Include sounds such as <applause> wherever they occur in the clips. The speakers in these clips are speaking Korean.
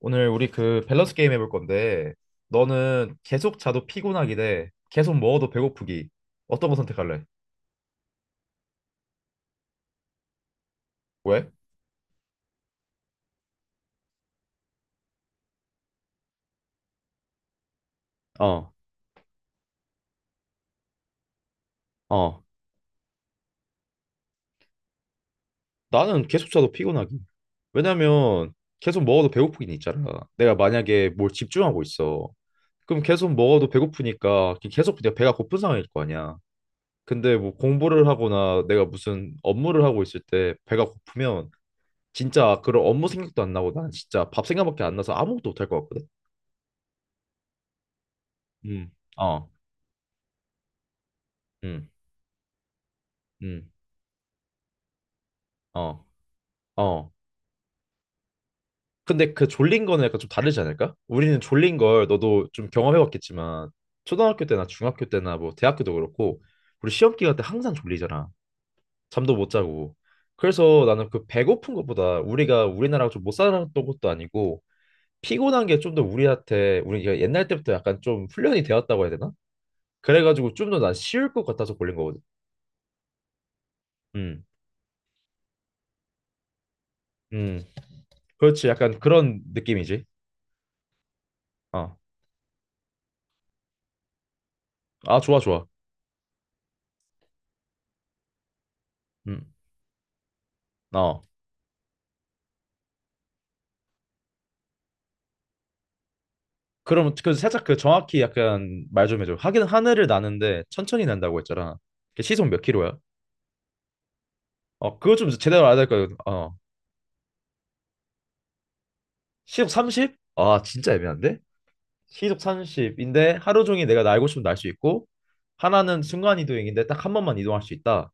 오늘 우리 그 밸런스 게임 해볼 건데 너는 계속 자도 피곤하기 대 계속 먹어도 배고프기 어떤 거 선택할래? 왜? 어, 어. 나는 계속 자도 피곤하기. 왜냐면 계속 먹어도 배고프긴 있잖아. 내가 만약에 뭘 집중하고 있어. 그럼 계속 먹어도 배고프니까 계속 그냥 배가 고픈 상황일 거 아니야. 근데 뭐 공부를 하거나 내가 무슨 업무를 하고 있을 때 배가 고프면 진짜 그런 업무 생각도 안 나고 난 진짜 밥 생각밖에 안 나서 아무것도 못할 것 같거든. 음. 어. 음, 음, 어, 어. 근데 그 졸린 거는 약간 좀 다르지 않을까? 우리는 졸린 걸 너도 좀 경험해봤겠지만 초등학교 때나 중학교 때나 뭐 대학교도 그렇고 우리 시험 기간 때 항상 졸리잖아. 잠도 못 자고. 그래서 나는 그 배고픈 것보다 우리가 우리나라가 좀 못 살았던 것도 아니고 피곤한 게 좀 더 우리한테 우리가 옛날 때부터 약간 좀 훈련이 되었다고 해야 되나? 그래가지고 좀 더 난 쉬울 것 같아서 골린 거거든. 음, 음, 그렇지. 약간 그런 느낌이지. 어, 아 좋아 좋아. 음, 어. 그럼 그 살짝 그 정확히 약간 말 좀 해줘. 하긴 하늘을 나는데 천천히 난다고 했잖아. 그 시속 몇 킬로야? 어, 그거 좀 제대로 알아야 될 거야. 어, 시속 30? 아, 진짜 애매한데? 시속 30인데 하루 종일 내가 날고 싶으면 날 수 있고 하나는 순간 이동인데 딱 한 번만 이동할 수 있다.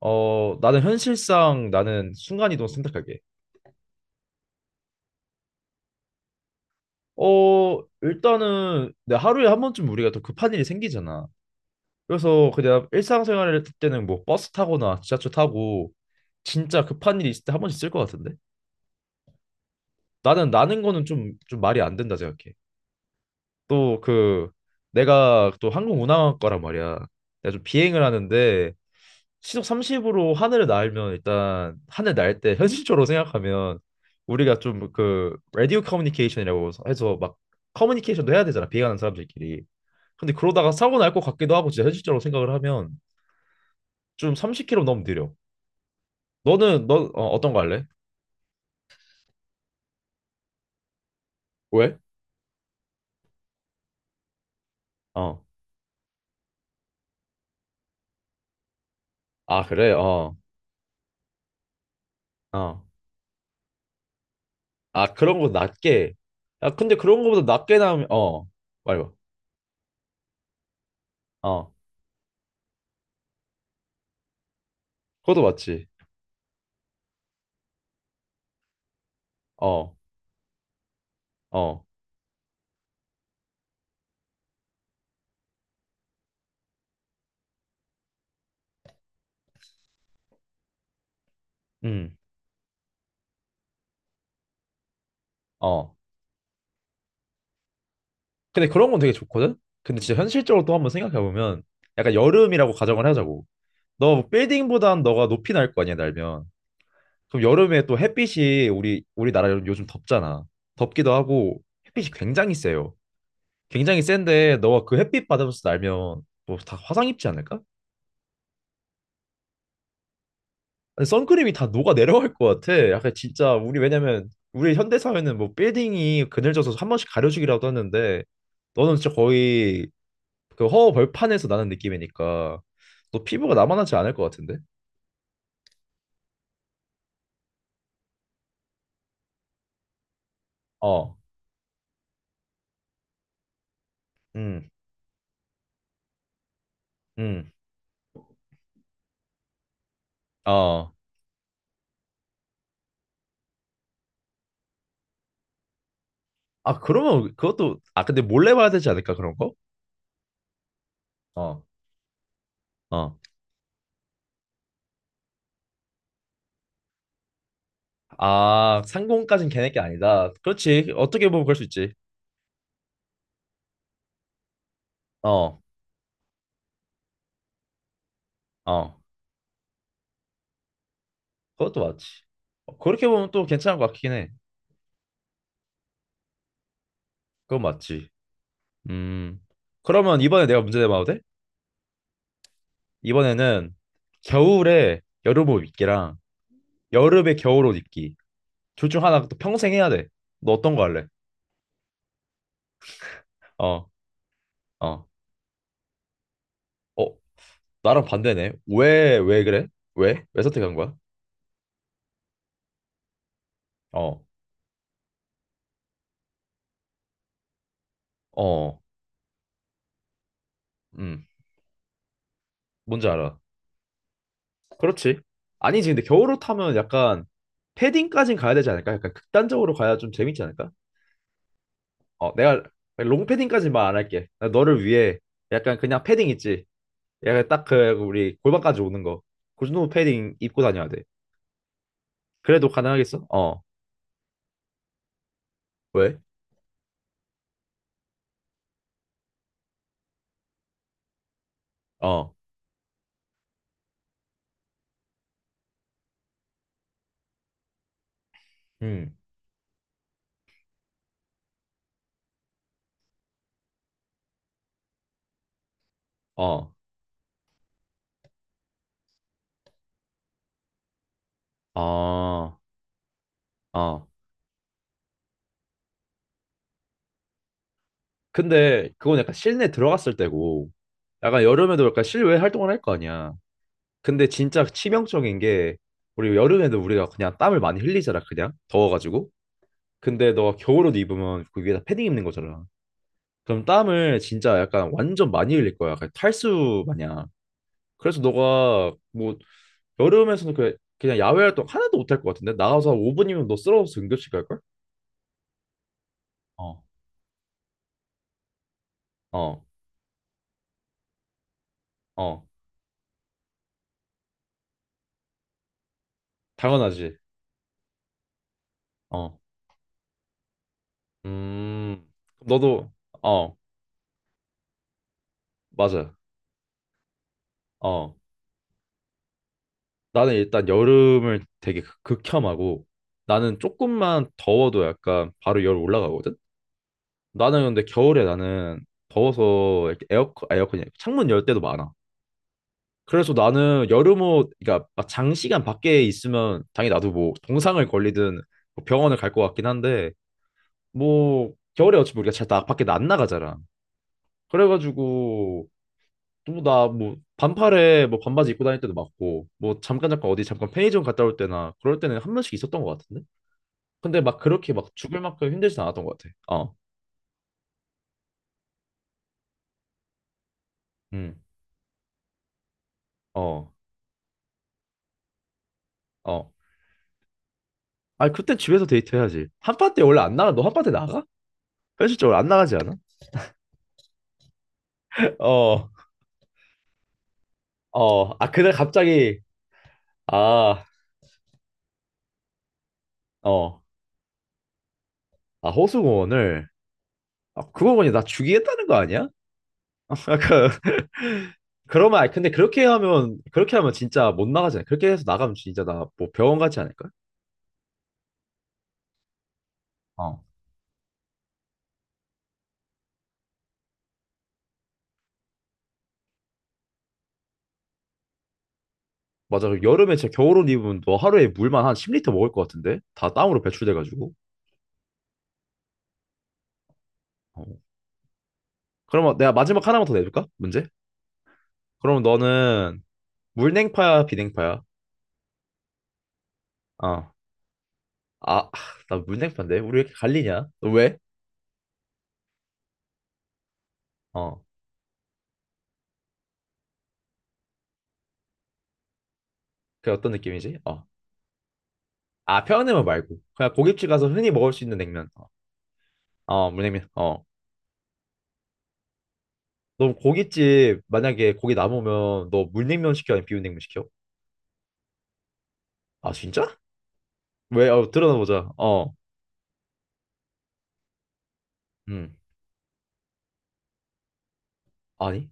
어, 나는 현실상 나는 순간 이동 선택할게. 어, 일단은 내 하루에 한 번쯤 우리가 더 급한 일이 생기잖아. 그래서 그냥 일상생활을 했을 때는 뭐 버스 타거나 지하철 타고 진짜 급한 일이 있을 때 한 번씩 쓸 것 같은데 나는 나는 거는 좀 말이 안 된다 생각해. 또 그 내가 또 항공운항학과란 말이야. 내가 좀 비행을 하는데 시속 30으로 하늘을 날면 일단 하늘 날 때 <laughs> 현실적으로 생각하면 우리가 좀 그 라디오 커뮤니케이션이라고 해서 막 커뮤니케이션도 해야 되잖아 비행하는 사람들끼리. 근데 그러다가 사고 날 것 같기도 하고 진짜 현실적으로 생각을 하면 좀 30km 너무 느려. 너는 너 어떤 거 할래? 왜? 어. 아, 그래. 어. 어. 아, 그런 거 낮게. 야, 근데 그런 거보다 낮게 나오면 어. 말해봐. 어. 그것도 맞지. 어. 어. 음. 어. 근데 그런 건 되게 좋거든. 근데 진짜 현실적으로 또 한번 생각해 보면 약간 여름이라고 가정을 하자고. 너 빌딩보단 너가 높이 날 거 아니야, 날면. 그럼 여름에 또 햇빛이 우리나라 요즘 덥잖아. 덥기도 하고 햇빛이 굉장히 세요. 굉장히 센데 너가 그 햇빛 받으면서 날면 뭐 다 화상 입지 않을까? 아니, 선크림이 다 녹아 내려갈 것 같아. 약간 진짜 우리 왜냐면 우리 현대 사회는 뭐 빌딩이 그늘져서 한 번씩 가려주기라도 하는데 너는 진짜 거의 그 허허 벌판에서 나는 느낌이니까 너 피부가 남아나지 않을 것 같은데? 어, 음, 음, 어. 아 그러면 그것도 아 근데 몰래 봐야 되지 않을까 그런 거? 어, 어. 아 상공까진 걔네 게 아니다. 그렇지. 어떻게 보면 그럴 수 있지. 어, 어. 그것도 맞지. 어, 그렇게 보면 또 괜찮은 것 같긴 해. 그건 맞지. 음. 그러면 이번에 내가 문제 내봐도 돼? 이번에는 겨울에 여름옷 입기랑 여름에 겨울옷 입기. 둘 중 하나 또 평생 해야 돼. 너 어떤 거 할래? 어, 어. 어, 나랑 반대네. 왜 그래? 왜? 왜 선택한 거야? 어, 어. 음, 뭔지 알아. 그렇지. 아니지, 근데 겨울옷 하면 약간 패딩까진 가야 되지 않을까? 약간 극단적으로 가야 좀 재밌지 않을까? 어, 내가 롱패딩까지 말 안 할게. 나 너를 위해 약간 그냥 패딩 있지. 약간 딱 그 우리 골반까지 오는 거. 그 정도 패딩 입고 다녀야 돼. 그래도 가능하겠어? 어. 왜? 어. 음. 어. 어. 어. 근데 그건 약간 실내 들어갔을 때고 약간 여름에도 약간 실외 활동을 할 거 아니야. 근데 진짜 치명적인 게 우리 여름에도 우리가 그냥 땀을 많이 흘리잖아. 그냥 더워가지고. 근데 너가 겨울옷 입으면 그 위에다 패딩 입는 거잖아. 그럼 땀을 진짜 약간 완전 많이 흘릴 거야. 그냥 탈수 마냥. 그래서 너가 뭐 여름에서는 그 그냥 야외 활동 하나도 못할 것 같은데 나가서 한 5분이면 너 쓰러져서 응급실 갈 걸? 어. 어, 어, 당연하지. 어, 음, 그럼 너도 어, 맞아. 어, 나는 일단 여름을 되게 극혐하고 나는 조금만 더워도 약간 바로 열 올라가거든. 나는 근데 겨울에 나는 더워서 이렇게 에어컨, 아, 에어컨이 아니라 창문 열 때도 많아. 그래서 나는 여름옷, 그러니까 막 장시간 밖에 있으면 당연히 나도 뭐 동상을 걸리든 뭐 병원을 갈 것 같긴 한데 뭐 겨울에 어차피 우리가 잘 밖에 안 나가잖아. 그래가지고 또나뭐 반팔에 뭐 반바지 입고 다닐 때도 많고 뭐 잠깐 잠깐 어디 잠깐 편의점 갔다 올 때나 그럴 때는 한 번씩 있었던 것 같은데? 근데 막 그렇게 막 죽을 만큼 힘들진 않았던 것 같아. 어, 음, 어, 어. 아니 그땐 집에서 데이트해야지. 한파 때 원래 안 나가. 너 한파 때 나가? 현실적으로 안 나가지 않아? <laughs> 어. 어, 아, 그날 갑자기, 아, 어, 아, 호수공원을, 아, 그거 보니 나 죽이겠다는 거 아니야? <laughs> 약간, 그러면, 아니, 근데 그렇게 하면 진짜 못 나가잖아. 그렇게 해서 나가면 진짜 나 뭐 병원 가지 않을까? 어. 맞아. 그 여름에 진짜 겨울옷 입으면 너 하루에 물만 한 10리터 먹을 것 같은데? 다 땀으로 배출돼가지고. 어. 그러면 내가 마지막 하나만 더 내줄까? 문제? 그럼 너는 물냉파야, 비냉파야? 어. 아, 나 물냉파인데? 우리 왜 이렇게 갈리냐? 너 왜? 어. 그게 어떤 느낌이지? 어. 아, 편 냉면 말고. 그냥 고깃집 가서 흔히 먹을 수 있는 냉면. 어, 물냉면. 어. 너 고깃집 만약에 고기 남으면 너 물냉면 시켜? 아니면 비빔냉면 시켜? 아, 진짜? 왜? 어, 들어보자. 어. 음. 아니?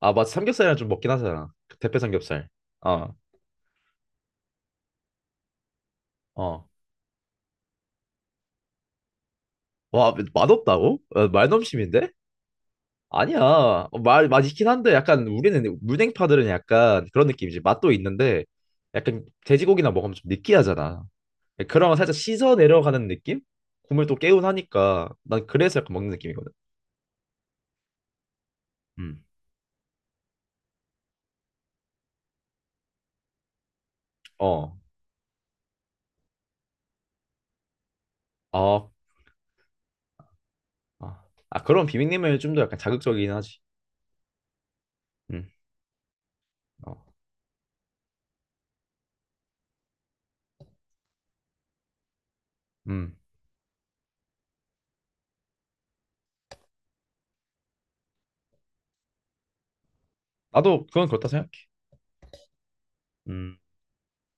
아, 맞 삼겹살이랑 좀 먹긴 하잖아. 그 대패 삼겹살. 어. 어. 와, 맛없다고? 어, 말넘심인데? 아니야. 어, 맛있긴 한데 약간 우리는 물냉파들은 약간 그런 느낌이지. 맛도 있는데 약간 돼지고기나 먹으면 좀 느끼하잖아. 네, 그런 거 살짝 씻어 내려가는 느낌? 국물 또 개운하니까 난 그래서 약간 먹는 느낌이거든. 음. 어. 어. 아, 아, 그런 비빔냉면이 좀 더 약간 자극적이긴 하지. 음. 어. 음. 나도 그건 그렇다 생각해. 음.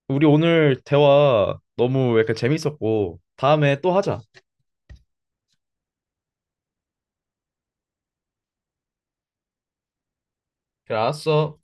우리 오늘 대화 너무 약간 재밌었고 다음에 또 하자. 그래, 알았어.